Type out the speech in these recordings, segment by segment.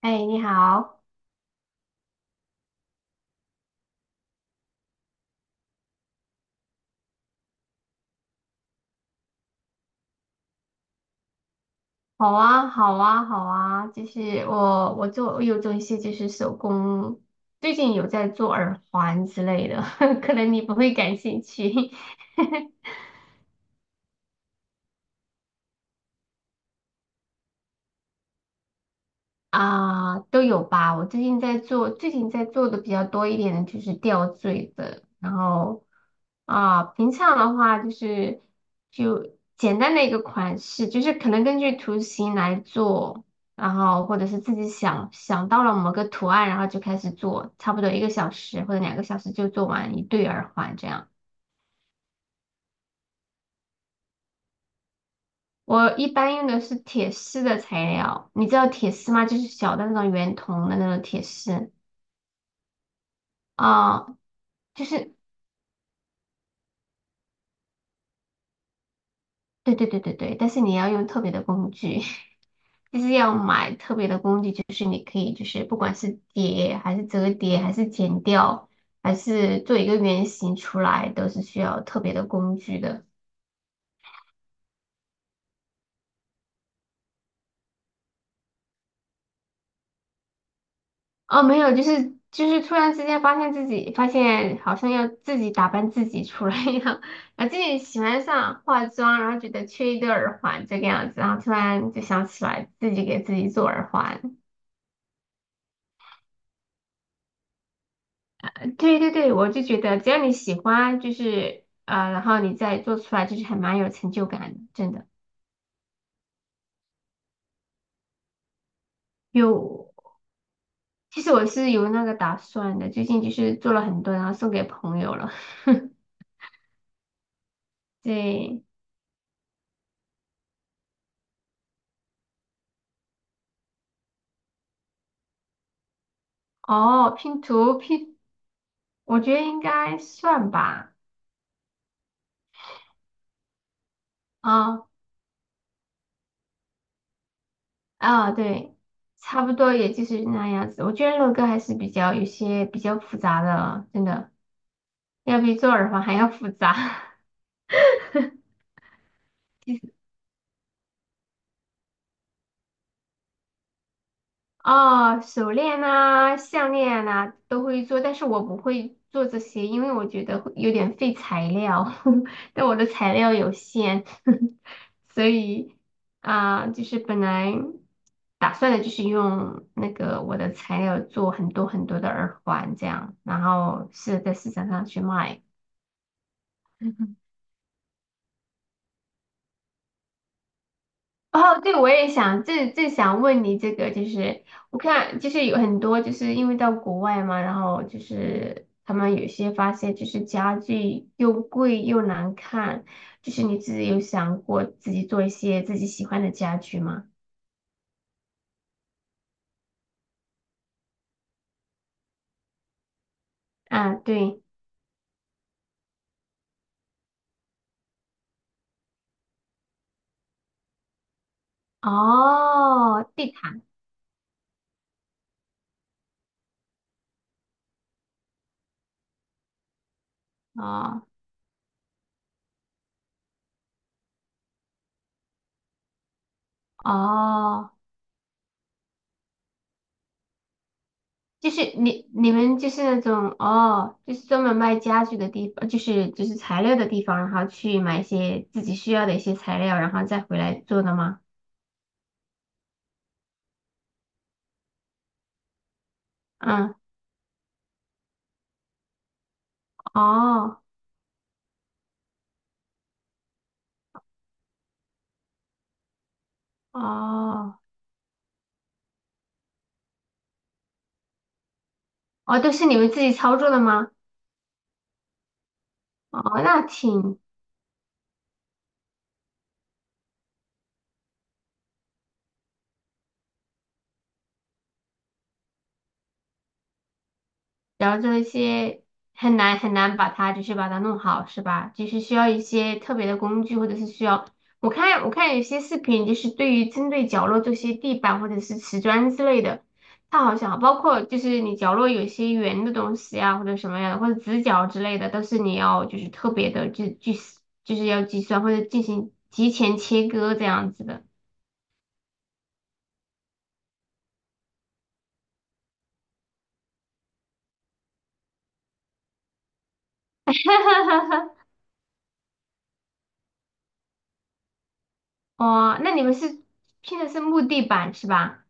哎，你好。好啊，好啊，好啊，就是我有做一些就是手工，最近有在做耳环之类的，可能你不会感兴趣。啊，都有吧。我最近在做，最近在做的比较多一点的就是吊坠的，然后平常的话就是简单的一个款式，就是可能根据图形来做，然后或者是自己想到了某个图案，然后就开始做，差不多一个小时或者两个小时就做完一对耳环这样。我一般用的是铁丝的材料，你知道铁丝吗？就是小的那种圆筒的那种铁丝。啊，就是对对对对对，但是你要用特别的工具，就是要买特别的工具，就是你可以就是不管是叠还是折叠还是剪掉，还是做一个圆形出来，都是需要特别的工具的。哦，没有，就是突然之间发现好像要自己打扮自己出来一样，然后自己喜欢上化妆，然后觉得缺一对耳环这个样子，然后突然就想起来自己给自己做耳环。对对对，我就觉得只要你喜欢，然后你再做出来，就是还蛮有成就感的，真的。有，其实我是有那个打算的，最近就是做了很多，然后送给朋友了。对。哦，拼图拼，我觉得应该算吧。啊、对，差不多也就是那样子。我觉得乐高还是比较复杂的，真的要比做耳环还要复杂。哦，手链呐、项链呐、都会做，但是我不会做这些，因为我觉得会有点费材料，但我的材料有限，所以就是本来打算的就是用那个我的材料做很多很多的耳环这样，然后是在市场上去卖。哦，对，我也想，正想问你这个，就是我看，就是有很多，就是因为到国外嘛，然后就是他们有些发现，就是家具又贵又难看，就是你自己有想过自己做一些自己喜欢的家具吗？啊，对。哦，地毯。哦哦。就是你你们就是那种哦，就是专门卖家具的地方，就是就是材料的地方，然后去买一些自己需要的一些材料，然后再回来做的吗？嗯。哦哦哦，都是你们自己操作的吗？哦，那挺然后这一些很难把它把它弄好，是吧？就是需要一些特别的工具，或者是需要我看有些视频，就是对于针对角落这些地板或者是瓷砖之类的，它好像包括就是你角落有一些圆的东西啊，或者什么样的，或者直角之类的，都是你要就是特别的就是要计算或者进行提前切割这样子的。哦，那你们是拼的是木地板是吧？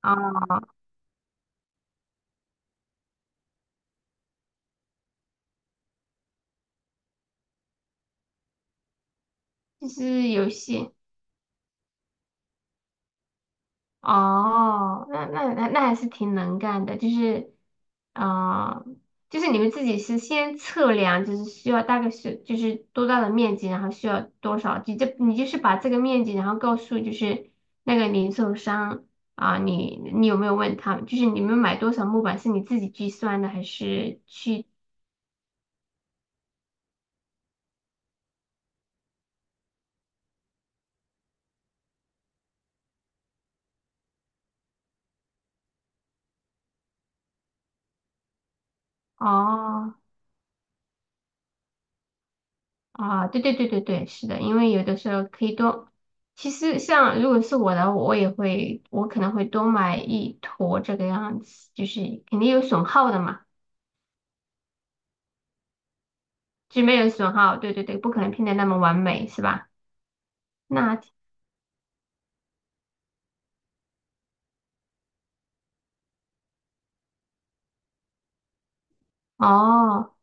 啊，就是有些。哦，那还是挺能干的，就是啊、呃就是你们自己是先测量，就是需要大概是就是多大的面积，然后需要多少，你就是把这个面积，然后告诉就是那个零售商。你你有没有问他，就是你们买多少木板是你自己计算的还是去？哦，啊，对对对对对，是的，因为有的时候可以多。其实像如果是我的，我也会，我可能会多买一坨这个样子，就是肯定有损耗的嘛，就没有损耗，对对对，不可能拼的那么完美，是吧？那哦。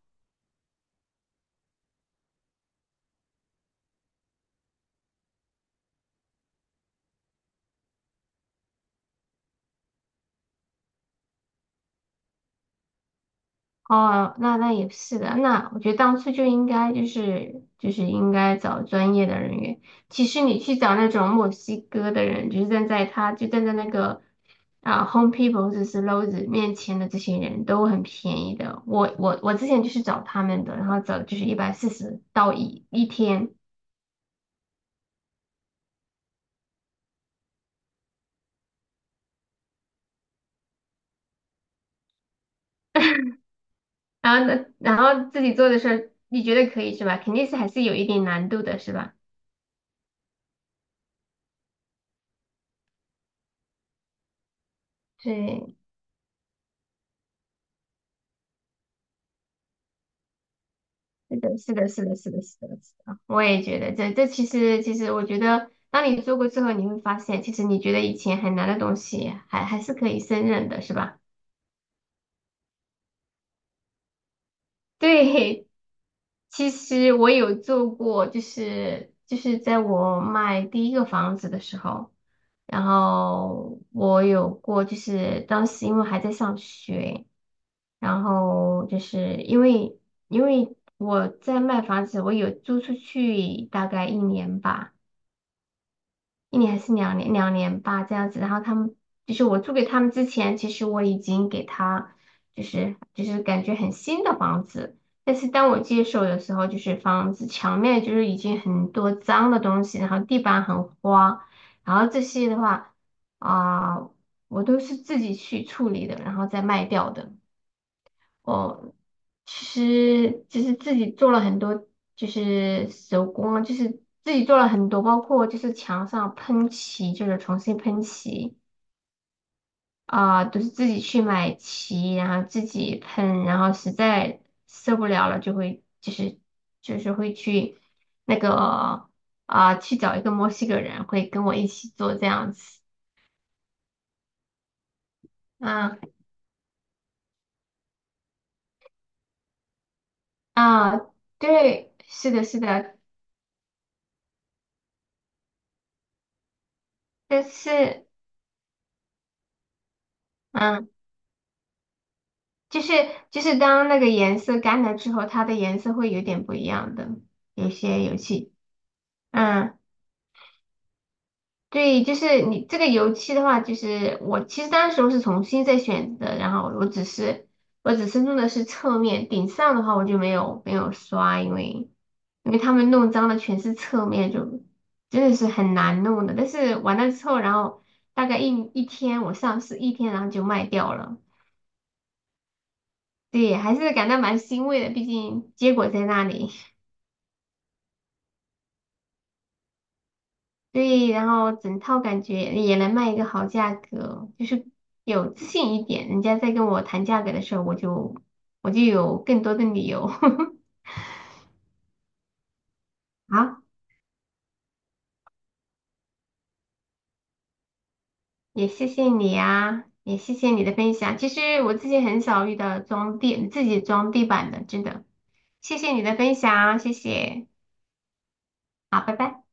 哦，那那也是的，那我觉得当初就应该应该找专业的人员。其实你去找那种墨西哥的人，就是站在他就站在那个Home People 或者是 Lowe's 面前的这些人都很便宜的。我之前就是找他们的，然后找就是140到一天。然后呢，然后自己做的事候，你觉得可以是吧？肯定是还是有一点难度的，是吧？对，是的，是的，是的，是的，是的，是的，我也觉得这其实我觉得，当你做过之后，你会发现，其实你觉得以前很难的东西还是可以胜任的，是吧？对，其实我有做过，就是在我卖第一个房子的时候，然后我有过，就是当时因为还在上学，然后因为我在卖房子，我有租出去大概一年吧。一年还是两年，两年吧，这样子。然后他们就是我租给他们之前，其实我已经给他感觉很新的房子，但是当我接手的时候，就是房子墙面就是已经很多脏的东西，然后地板很花，然后这些的话啊、我都是自己去处理的，然后再卖掉的。哦，其实就是自己做了很多，就是手工啊，就是自己做了很多，包括就是墙上喷漆，就是重新喷漆啊，都是自己去买漆，然后自己喷，然后实在受不了了，就会去那个。啊，去找一个墨西哥人，会跟我一起做这样子。啊啊，对，是的，是的，但是。嗯。就是就是当那个颜色干了之后，它的颜色会有点不一样的，有些油漆。嗯，对，就是你这个油漆的话，就是我其实当时候是重新再选的，然后我只是弄的是侧面，顶上的话我就没有刷，因为他们弄脏的全是侧面，就真的是很难弄的。但是完了之后，然后大概一天，我上市一天，然后就卖掉了。对，还是感到蛮欣慰的，毕竟结果在那里。对，然后整套感觉也能卖一个好价格，就是有自信一点。人家在跟我谈价格的时候，我就有更多的理由。好，也谢谢你啊，也谢谢你的分享。其实我自己很少遇到装地自己装地板的，真的。谢谢你的分享，谢谢。好，拜拜。